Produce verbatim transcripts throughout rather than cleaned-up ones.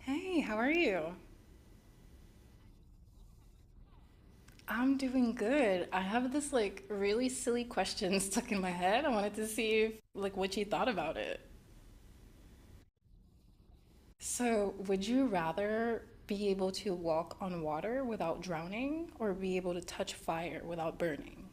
Hey, how are you? I'm doing good. I have this like really silly question stuck in my head. I wanted to see if like what you thought about it. So, would you rather be able to walk on water without drowning or be able to touch fire without burning?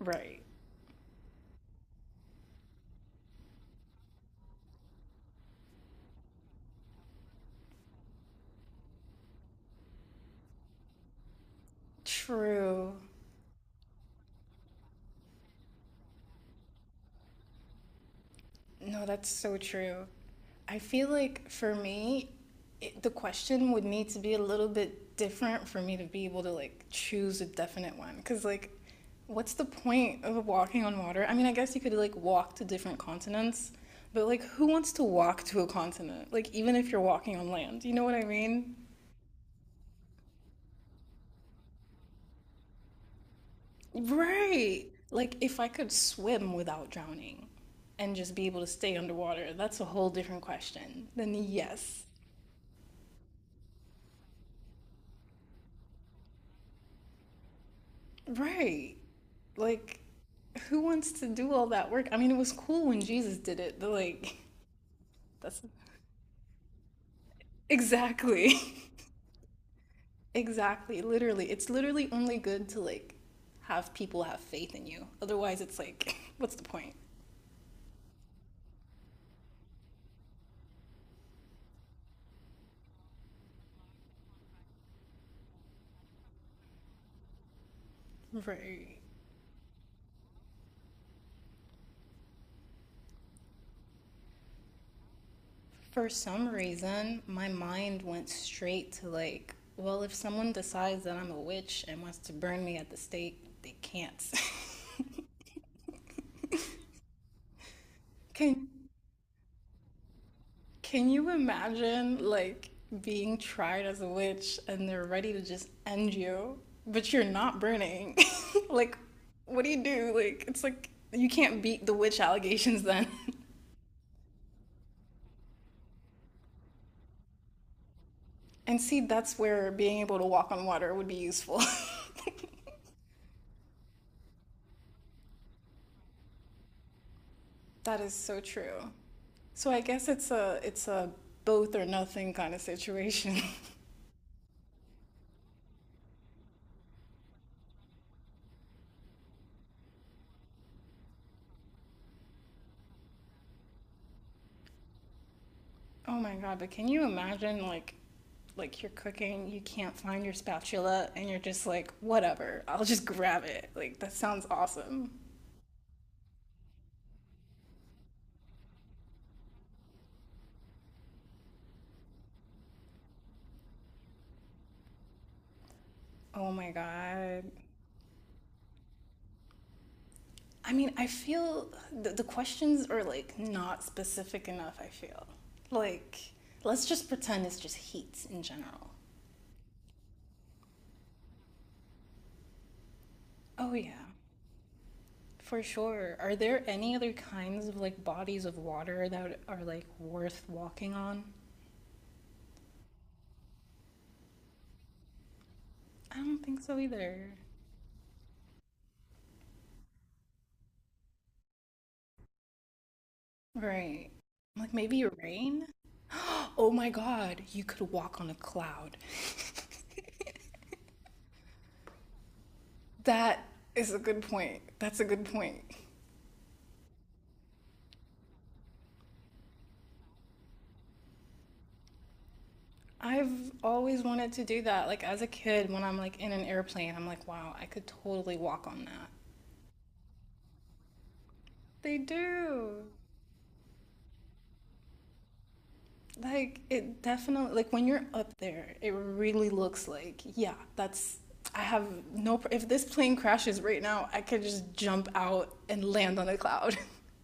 Right. True. No, that's so true. I feel like for me, it, the question would need to be a little bit different for me to be able to like choose a definite one. Because, like, what's the point of walking on water? I mean, I guess you could like walk to different continents, but like, who wants to walk to a continent? Like, even if you're walking on land, you know what I mean? Right. Like, if I could swim without drowning and just be able to stay underwater, that's a whole different question. Then, yes. Right. Like, who wants to do all that work? I mean, it was cool when Jesus did it, but like, that's exactly, exactly, literally. It's literally only good to like have people have faith in you. Otherwise, it's like, what's the point? Right. For some reason, my mind went straight to like, well, if someone decides that I'm a witch and wants to burn me at the stake, they can't. Can Can you imagine like being tried as a witch and they're ready to just end you, but you're not burning? like, what do you do? Like, it's like you can't beat the witch allegations then. and see, that's where being able to walk on water would be useful. that is so true. So I guess it's a it's a both or nothing kind of situation. Oh my god, but can you imagine like like you're cooking, you can't find your spatula and you're just like, whatever, I'll just grab it. Like that sounds awesome. Oh my god. I mean, I feel the, the questions are like not specific enough, I feel. Like let's just pretend it's just heat in general. Oh yeah. For sure. Are there any other kinds of like bodies of water that are like worth walking on? I don't think so either. Right. Like maybe rain? Oh my God, you could walk on a cloud. That is a good point. That's a good point. I've always wanted to do that. Like as a kid, when I'm like in an airplane, I'm like, wow, I could totally walk on that. They do. Like it definitely, like when you're up there, it really looks like, yeah, that's, I have no, pr- if this plane crashes right now, I could just jump out and land on a cloud.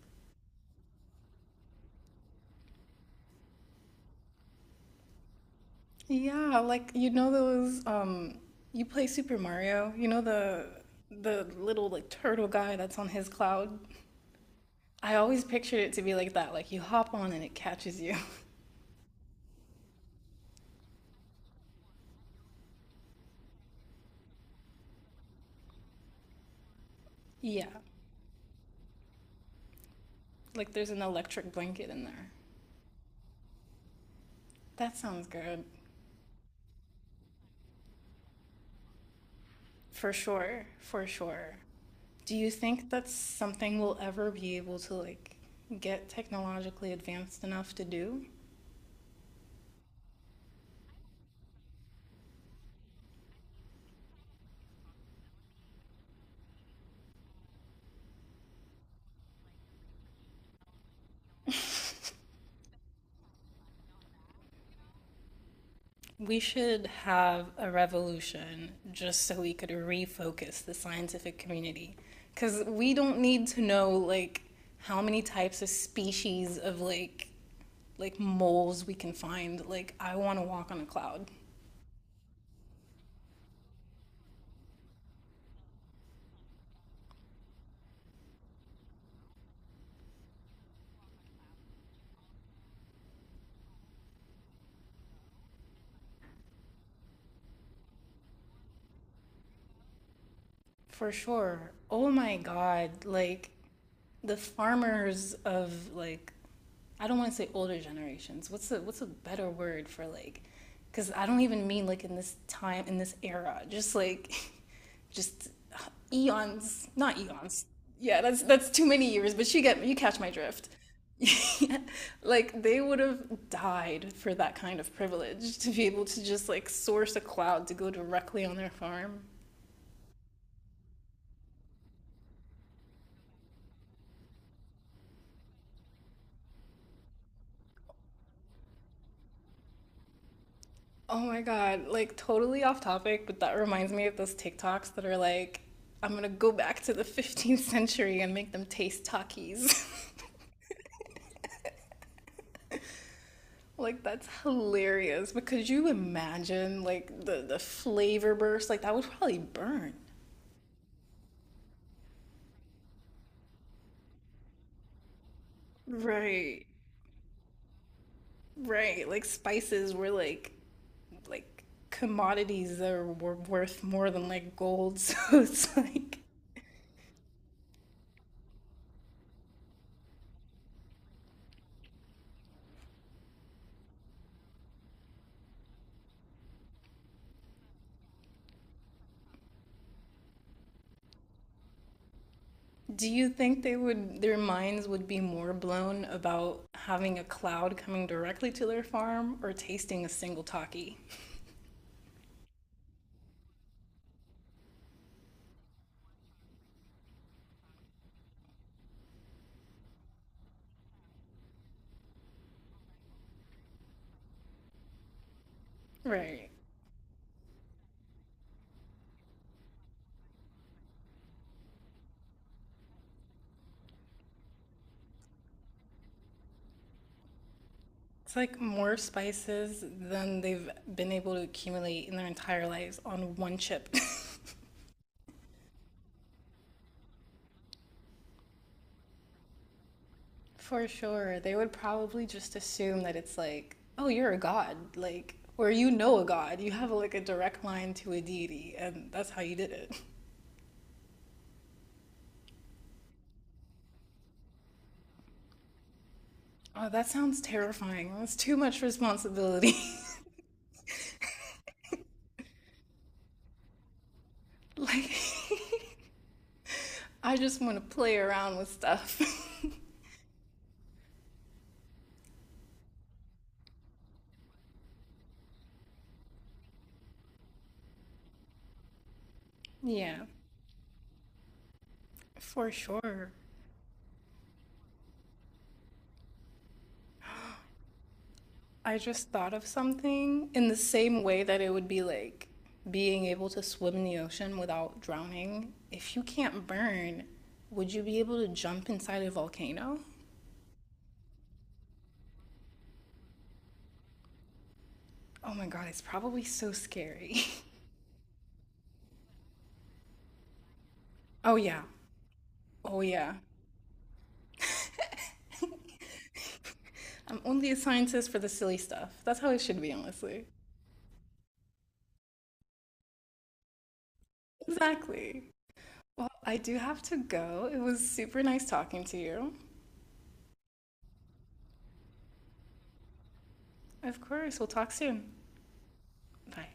Yeah, like you know those um you play Super Mario, you know the the little like turtle guy that's on his cloud. I always pictured it to be like that, like you hop on and it catches you. Yeah. Like there's an electric blanket in there. That sounds good. For sure, for sure. Do you think that's something we'll ever be able to like get technologically advanced enough to do? We should have a revolution just so we could refocus the scientific community. Because we don't need to know, like, how many types of species of, like, like moles we can find. Like, I want to walk on a cloud. For sure. Oh my God. Like the farmers of like I don't want to say older generations. What's a what's a better word for like cuz I don't even mean like in this time in this era. Just like just uh, eons, not eons. Yeah, that's that's too many years, but you get you catch my drift. Like they would have died for that kind of privilege to be able to just like source a cloud to go directly on their farm. Oh my God, like totally off topic, but that reminds me of those TikToks that are like, I'm gonna go back to the fifteenth century and make them taste Takis. Like that's hilarious. But could you imagine like the the flavor burst? Like that would probably burn. Right. Right. Like spices were like like commodities that were worth more than like gold. So it's like. Do you think they would their minds would be more blown about having a cloud coming directly to their farm or tasting a single taki? Right. It's like more spices than they've been able to accumulate in their entire lives on one chip. For sure. They would probably just assume that it's like, oh, you're a god. Like, or you know a god. You have like a direct line to a deity, and that's how you did it. Oh, that sounds terrifying. That's too much responsibility. like, I just want to play around with stuff. yeah, for sure. I just thought of something in the same way that it would be like being able to swim in the ocean without drowning. If you can't burn, would you be able to jump inside a volcano? Oh my god, it's probably so scary. oh yeah. Oh yeah. I'm only a scientist for the silly stuff. That's how it should be, honestly. Exactly. Well, I do have to go. It was super nice talking to you. Of course. We'll talk soon. Bye.